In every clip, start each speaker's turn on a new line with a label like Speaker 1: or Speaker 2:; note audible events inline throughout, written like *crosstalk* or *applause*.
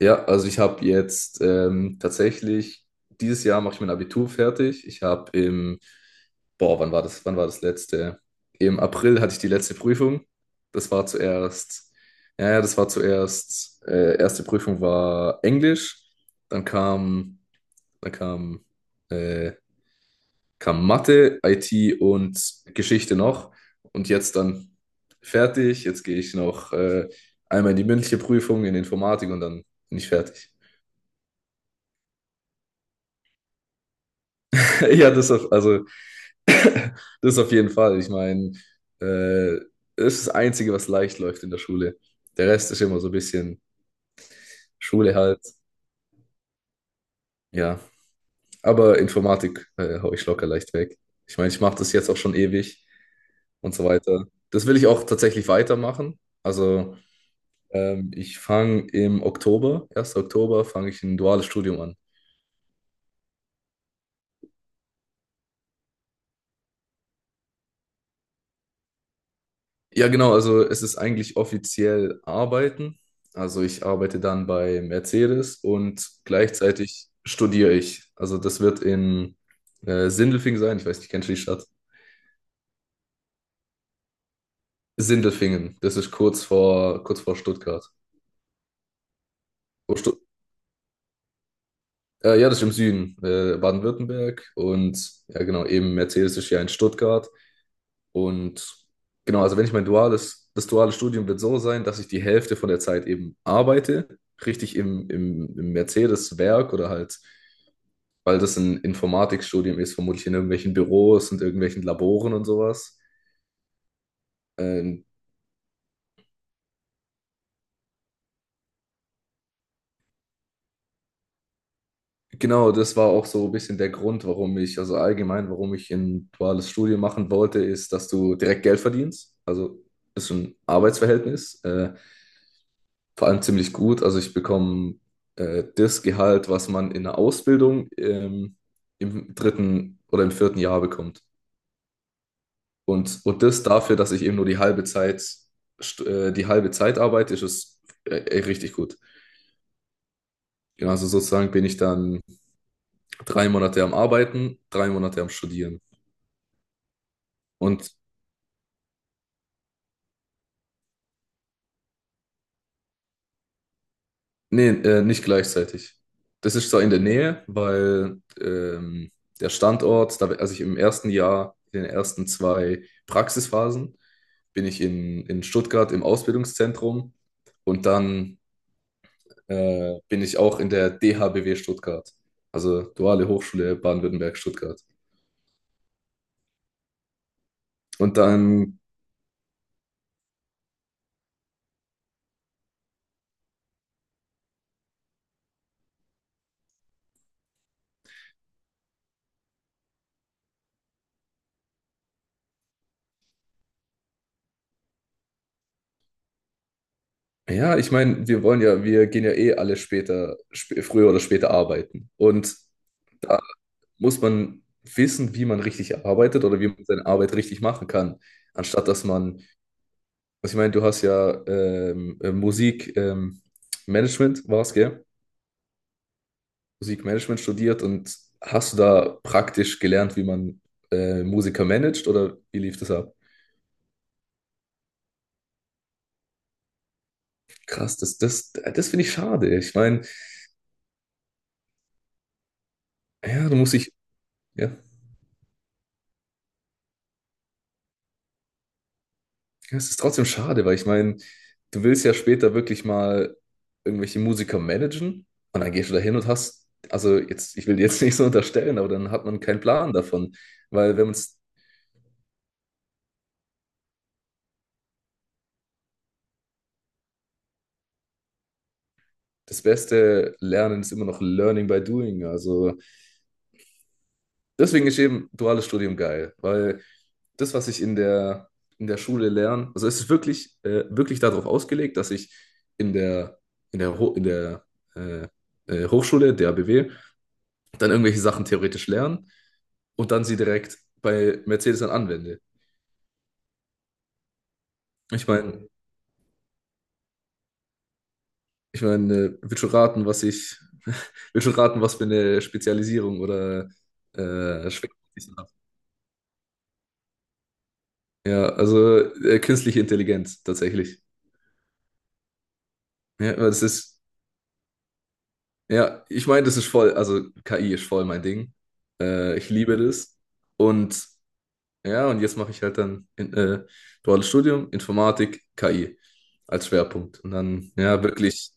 Speaker 1: Ja, also ich habe jetzt tatsächlich, dieses Jahr mache ich mein Abitur fertig. Ich habe im, boah, wann war das letzte? Im April hatte ich die letzte Prüfung. Das war zuerst, erste Prüfung war Englisch, dann kam, dann äh, kam Mathe, IT und Geschichte noch. Und jetzt dann fertig. Jetzt gehe ich noch einmal in die mündliche Prüfung in Informatik und dann bin ich fertig. *laughs* Ja, das auf, also *laughs* das auf jeden Fall. Ich meine, äh, das ist das Einzige, was leicht läuft in der Schule. Der Rest ist immer so ein bisschen Schule halt. Ja, aber Informatik hau ich locker leicht weg. Ich meine, ich mache das jetzt auch schon ewig und so weiter. Das will ich auch tatsächlich weitermachen. Also ich fange im Oktober, 1. Oktober, fange ich ein duales Studium an. Ja, genau, also es ist eigentlich offiziell Arbeiten. Also ich arbeite dann bei Mercedes und gleichzeitig studiere ich. Also das wird in Sindelfingen sein. Ich weiß nicht, kennst du die Stadt? Sindelfingen. Das ist kurz vor Stuttgart. Oh, Stu ja, das ist im Süden, Baden-Württemberg. Und ja, genau, eben Mercedes ist ja in Stuttgart. Und genau, also wenn ich das duale Studium wird so sein, dass ich die Hälfte von der Zeit eben arbeite, richtig im Mercedes-Werk oder halt, weil das ein Informatikstudium ist, vermutlich in irgendwelchen Büros und irgendwelchen Laboren und sowas. Ähm, genau, das war auch so ein bisschen der Grund, also allgemein, warum ich ein duales Studium machen wollte, ist, dass du direkt Geld verdienst. Also ist ein Arbeitsverhältnis. Vor allem ziemlich gut. Also ich bekomme das Gehalt, was man in der Ausbildung im dritten oder im vierten Jahr bekommt. Und das dafür, dass ich eben nur die halbe Zeit arbeite, ist es richtig gut. Genau, also sozusagen bin ich dann 3 Monate am Arbeiten, 3 Monate am Studieren. Und nee, nicht gleichzeitig. Das ist zwar in der Nähe, weil der Standort, da, also ich im ersten Jahr, in den ersten zwei Praxisphasen, bin ich in Stuttgart im Ausbildungszentrum und dann bin ich auch in der DHBW Stuttgart, also Duale Hochschule Baden-Württemberg Stuttgart. Und dann, ja, ich meine, wir gehen ja eh alle später, sp früher oder später arbeiten. Und muss man wissen, wie man richtig arbeitet oder wie man seine Arbeit richtig machen kann, anstatt dass man, was ich meine, du hast ja Musik, Management war es, gell? Musikmanagement studiert und hast du da praktisch gelernt, wie man Musiker managt oder wie lief das ab? Krass, das finde ich schade. Ich meine, ja, du musst dich, ja. Ja, es ist trotzdem schade, weil ich meine, du willst ja später wirklich mal irgendwelche Musiker managen und dann gehst du da hin und hast, also jetzt, ich will dir jetzt *laughs* nicht so unterstellen, aber dann hat man keinen Plan davon, weil wenn man das Beste lernen ist immer noch Learning by Doing. Also deswegen ist eben duales Studium geil, weil das, was ich in der Schule lerne, also es ist wirklich, wirklich darauf ausgelegt, dass ich in der, in der, Ho- in der äh, Hochschule, der ABW, dann irgendwelche Sachen theoretisch lerne und dann sie direkt bei Mercedes dann anwende. Ich meine, ich meine, wird schon raten, *laughs* wird schon raten, was für eine Spezialisierung oder Schwerpunkt ich dann hab. Ja, also künstliche Intelligenz tatsächlich. Ja, aber ja, ich meine, das ist voll, also KI ist voll mein Ding. Ich liebe das. Und ja, und jetzt mache ich halt duales Studium, Informatik, KI als Schwerpunkt. Und dann, ja, wirklich.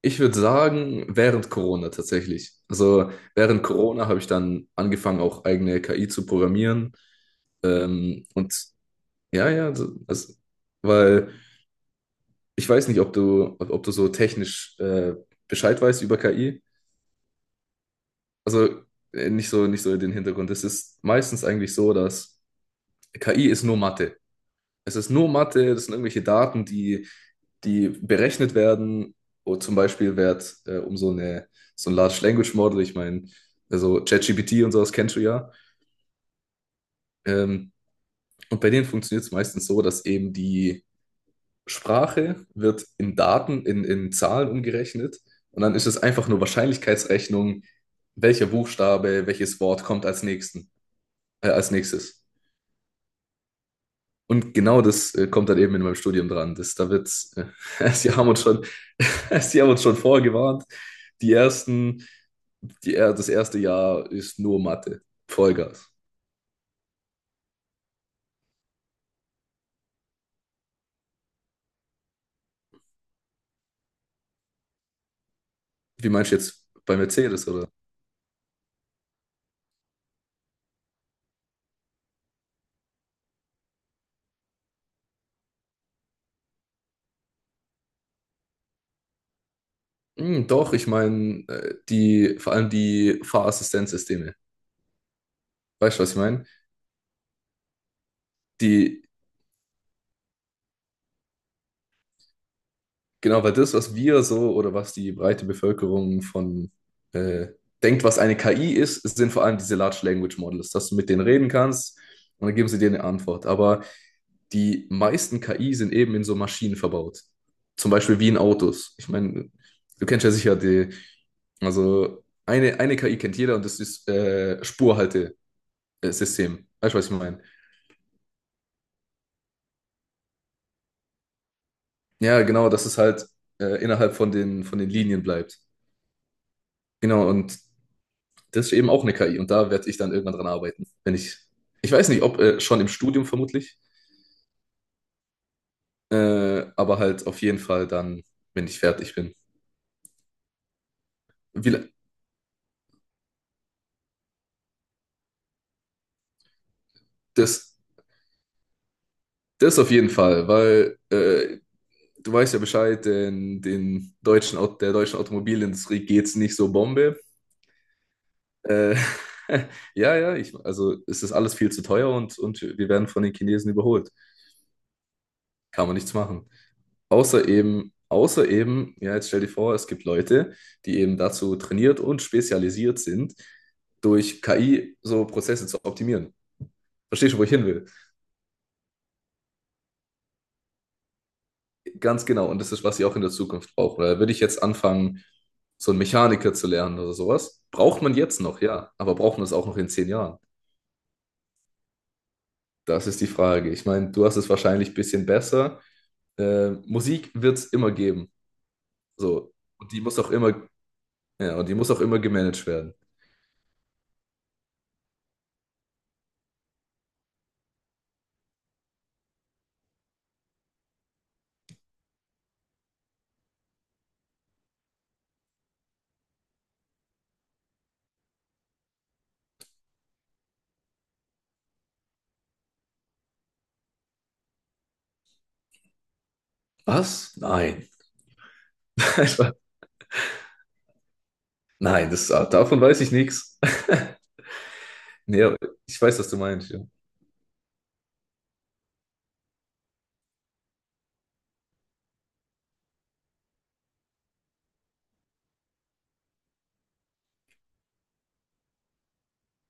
Speaker 1: Ich würde sagen, während Corona tatsächlich. Also während Corona habe ich dann angefangen, auch eigene KI zu programmieren. Und ja, weil ich weiß nicht, ob du so technisch Bescheid weißt über KI. Also nicht so den Hintergrund. Es ist meistens eigentlich so, dass KI ist nur Mathe. Es ist nur Mathe, das sind irgendwelche Daten, die berechnet werden. Und zum Beispiel wird so ein Large Language Model, ich meine, also ChatGPT und sowas kennst du ja. Ähm, und bei denen funktioniert es meistens so, dass eben die Sprache wird in Daten, in Zahlen umgerechnet. Und dann ist es einfach nur Wahrscheinlichkeitsrechnung, welcher Buchstabe, welches Wort kommt als nächstes. Und genau das kommt dann eben in meinem Studium dran. *laughs* Sie haben uns schon, *laughs* sie haben uns schon vorgewarnt. Die ersten das erste Jahr ist nur Mathe. Vollgas. Wie meinst du jetzt bei Mercedes, oder? Hm, doch, ich meine, vor allem die Fahrassistenzsysteme. Weißt du, was ich meine? Die, genau, weil das, was wir so oder was die breite Bevölkerung von äh, denkt, was eine KI ist, sind vor allem diese Large Language Models, dass du mit denen reden kannst und dann geben sie dir eine Antwort. Aber die meisten KI sind eben in so Maschinen verbaut. Zum Beispiel wie in Autos. Ich meine, du kennst ja sicher die, also eine KI kennt jeder und das ist Spurhaltesystem. Weißt du, was ich meine? Ja, genau, dass es halt innerhalb von den Linien bleibt. Genau, und das ist eben auch eine KI und da werde ich dann irgendwann dran arbeiten. Wenn ich, ich weiß nicht, ob schon im Studium vermutlich, aber halt auf jeden Fall dann, wenn ich fertig bin. Wie, la- das, das auf jeden Fall, weil du weißt ja Bescheid, der deutschen Automobilindustrie geht es nicht so Bombe. Äh, *laughs* also es ist alles viel zu teuer und wir werden von den Chinesen überholt. Kann man nichts machen. Außer eben, ja, jetzt stell dir vor, es gibt Leute, die eben dazu trainiert und spezialisiert sind, durch KI so Prozesse zu optimieren. Verstehst du, wo ich hin will? Ganz genau. Und das ist, was sie auch in der Zukunft brauchen. Da würde ich jetzt anfangen, so einen Mechaniker zu lernen oder sowas. Braucht man jetzt noch, ja. Aber braucht man es auch noch in 10 Jahren? Das ist die Frage. Ich meine, du hast es wahrscheinlich ein bisschen besser. Musik wird es immer geben. So. Und die muss auch immer, ja, und die muss auch immer gemanagt werden. Was? Nein. *laughs* Ich war- Nein, davon weiß ich nichts. *laughs* Nee, aber ich weiß, was du meinst. Ja.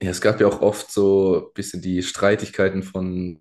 Speaker 1: Ja, es gab ja auch oft so ein bisschen die Streitigkeiten von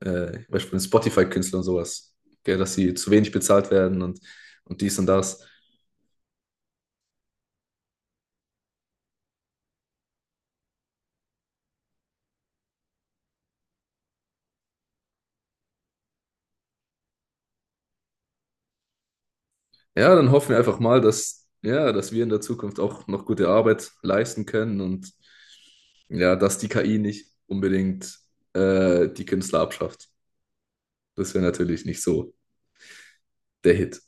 Speaker 1: zum Beispiel Spotify-Künstlern und sowas, gell, dass sie zu wenig bezahlt werden und dies und das. Ja, dann hoffen wir einfach mal, dass, ja, dass wir in der Zukunft auch noch gute Arbeit leisten können und ja, dass die KI nicht unbedingt die Künstler abschafft. Das wäre natürlich nicht so der Hit.